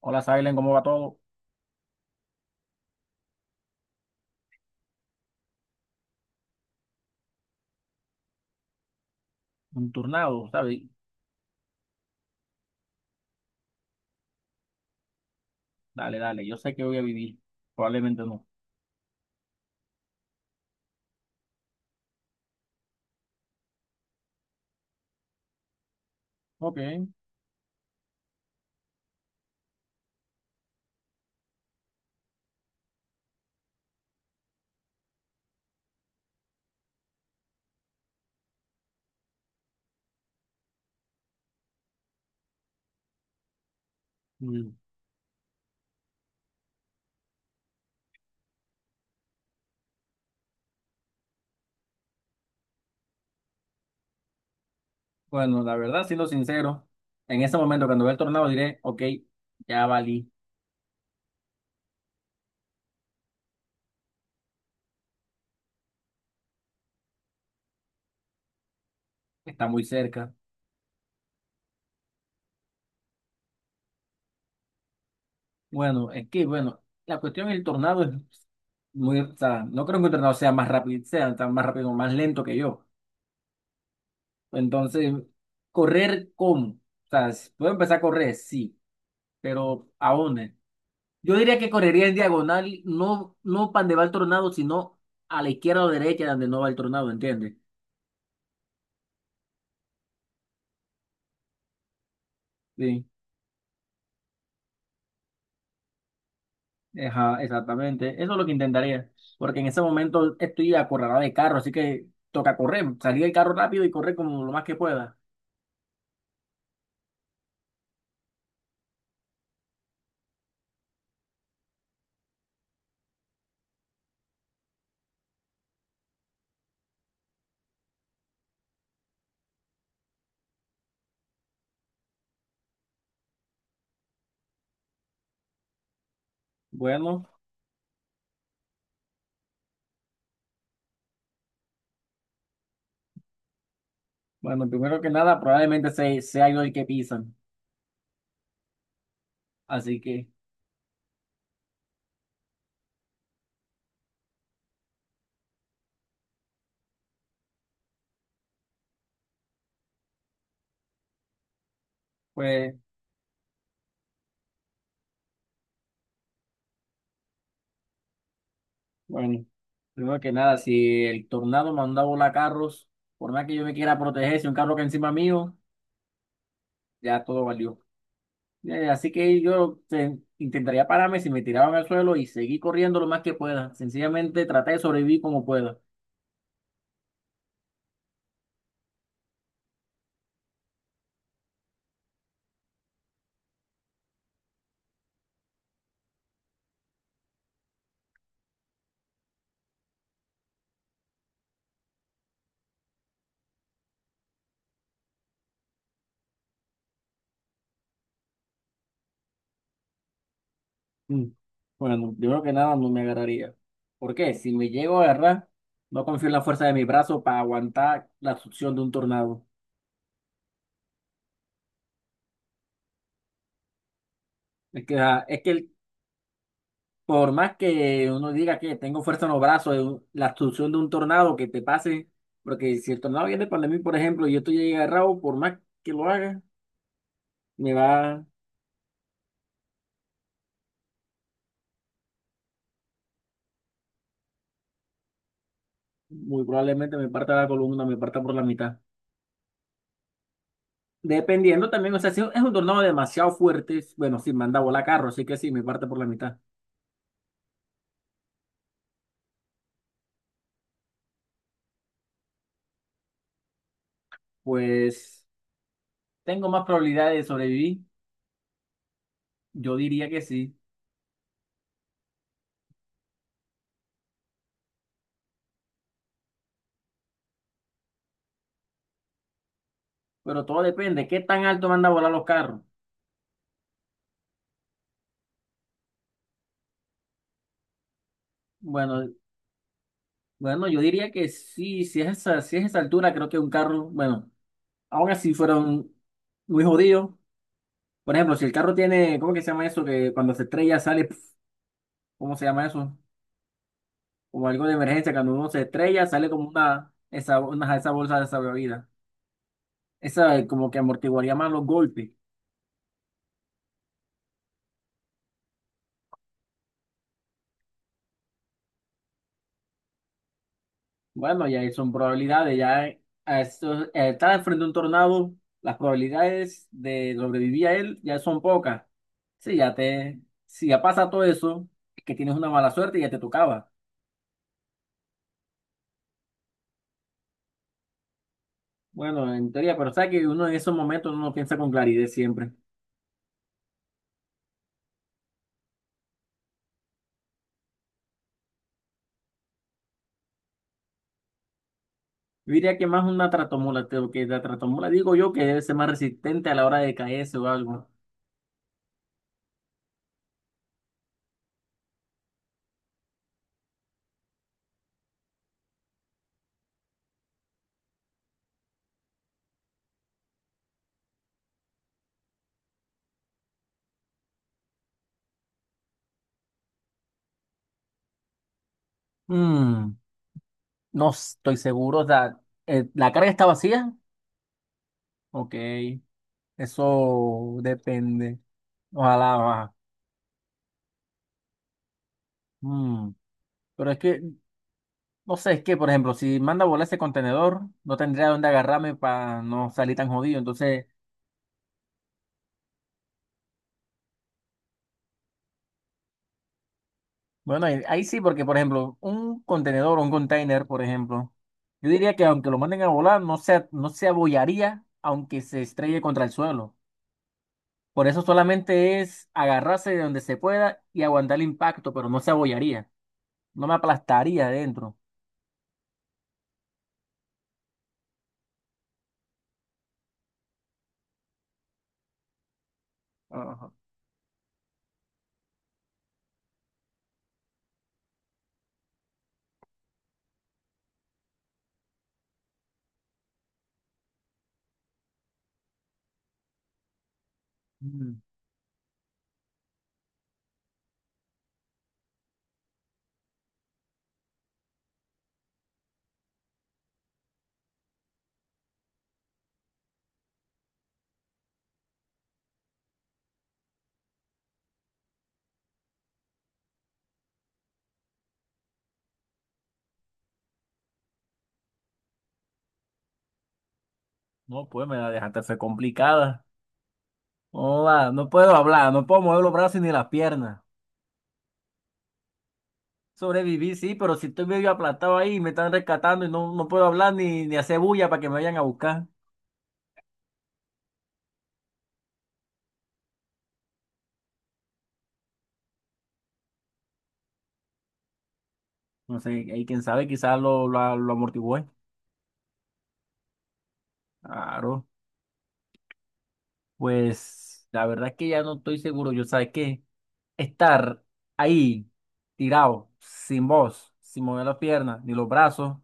Hola, Silen, ¿cómo va todo? Un turnado, ¿sabes? Dale, dale, yo sé que voy a vivir, probablemente no. Ok. Mm. Bueno, la verdad, siendo sincero, en ese momento cuando vea el tornado diré, ok, ya valí, está muy cerca. Bueno, es que, bueno, la cuestión del tornado es muy, o sea, no creo que un tornado sea más rápido, sea tan más rápido más lento que yo. Entonces, correr cómo, o sea, puedo empezar a correr, sí, pero ¿a dónde? Yo diría que correría en diagonal, no, no para donde va el tornado, sino a la izquierda o derecha donde no va el tornado, ¿entiendes? Sí, ajá, exactamente. Eso es lo que intentaría, porque en ese momento estoy acorralado de carro, así que toca correr, salir del carro rápido y correr como lo más que pueda. Bueno, bueno, primero que nada, probablemente se, sea yo el que pisan, así que, pues, bueno, primero que nada, si el tornado mandaba a volar carros, por más que yo me quiera proteger, si un carro que encima mío, ya todo valió. Así que yo intentaría pararme si me tiraban al suelo y seguir corriendo lo más que pueda. Sencillamente traté de sobrevivir como pueda. Mm. Bueno, yo creo que nada no me agarraría. ¿Por qué? Si me llego a agarrar, no confío en la fuerza de mi brazo para aguantar la succión de un tornado. Es que, es que por más que uno diga que tengo fuerza en los brazos, la succión de un tornado que te pase, porque si el tornado viene para mí, por ejemplo, y yo estoy agarrado, por más que lo haga, me va. Muy probablemente me parta la columna, me parta por la mitad. Dependiendo también, o sea, si es un tornado demasiado fuerte, bueno, si manda a volar carro, así que sí, me parte por la mitad. Pues tengo más probabilidades de sobrevivir, yo diría que sí, pero todo depende, ¿qué tan alto manda a volar los carros? Bueno, bueno, yo diría que sí, si es esa, si es esa altura, creo que un carro, bueno, aún así fueron muy jodidos. Por ejemplo, si el carro tiene, ¿cómo que se llama eso? Que cuando se estrella sale, pf, ¿cómo se llama eso? O algo de emergencia, cuando uno se estrella, sale como una, esa bolsa de salvavidas. Esa como que amortiguaría más los golpes. Bueno, ya ahí son probabilidades, ya a esto, estar frente a un tornado, las probabilidades de sobrevivir a él ya son pocas. Sí, ya te, si ya pasa todo eso, es que tienes una mala suerte y ya te tocaba. Bueno, en teoría, pero sabes que uno en esos momentos no piensa con claridad siempre. Yo diría que más una tratomola, que la tratomola digo yo que debe ser más resistente a la hora de caerse o algo. Mm, no estoy seguro. O sea, ¿la carga está vacía? Ok, eso depende. Ojalá va. Mm, pero es que, no sé, es que, por ejemplo, si manda a volar ese contenedor, no tendría dónde agarrarme para no salir tan jodido. Entonces, bueno, ahí, ahí sí, porque, por ejemplo, un contenedor o un container, por ejemplo, yo diría que aunque lo manden a volar, no se, no se abollaría aunque se estrelle contra el suelo. Por eso solamente es agarrarse de donde se pueda y aguantar el impacto, pero no se abollaría, no me aplastaría adentro. Ajá. Mm, no, pues me la dejaste hacer complicada. No, va, no puedo hablar, no puedo mover los brazos ni las piernas. Sobreviví, sí, pero si estoy medio aplastado ahí, me están rescatando y no, no puedo hablar ni, ni hacer bulla para que me vayan a buscar. No sé, ahí quién sabe, quizás lo amortigué. Claro, pues la verdad es que ya no estoy seguro. Yo, ¿sabes qué? Estar ahí tirado, sin voz, sin mover las piernas ni los brazos,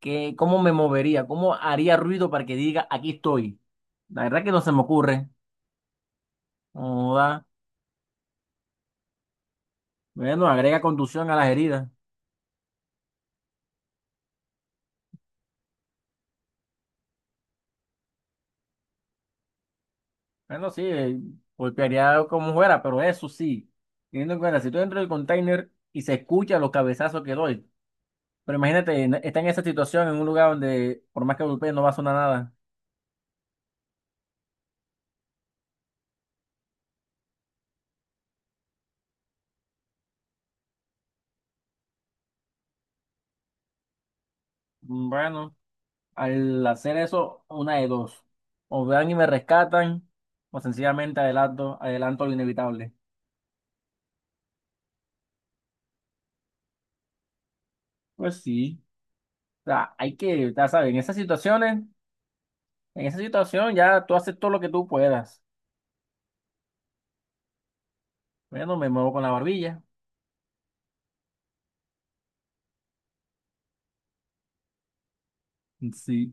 ¿qué, cómo me movería? ¿Cómo haría ruido para que diga aquí estoy? La verdad que no se me ocurre. No da. Bueno, agrega contusión a las heridas. Bueno, sí, golpearía como fuera, pero eso sí, teniendo en cuenta, si estoy dentro del container y se escuchan los cabezazos que doy, pero imagínate, está en esa situación, en un lugar donde por más que golpee no va a sonar nada. Mm. Bueno. Al hacer eso, una de dos. O vean y me rescatan, o sencillamente adelanto, adelanto lo inevitable. Pues sí. O sea, hay que, ya sabes, en esas situaciones, en esa situación ya tú haces todo lo que tú puedas. Bueno, me muevo con la barbilla. Sí.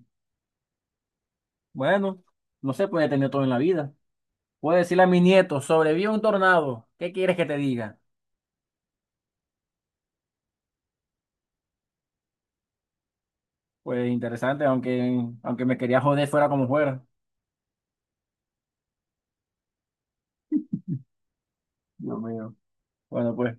Bueno, no se puede tener todo en la vida. Puedo decirle a mi nieto, sobrevive un tornado. ¿Qué quieres que te diga? Pues interesante, aunque, aunque me quería joder fuera como fuera. Dios mío. Bueno, pues.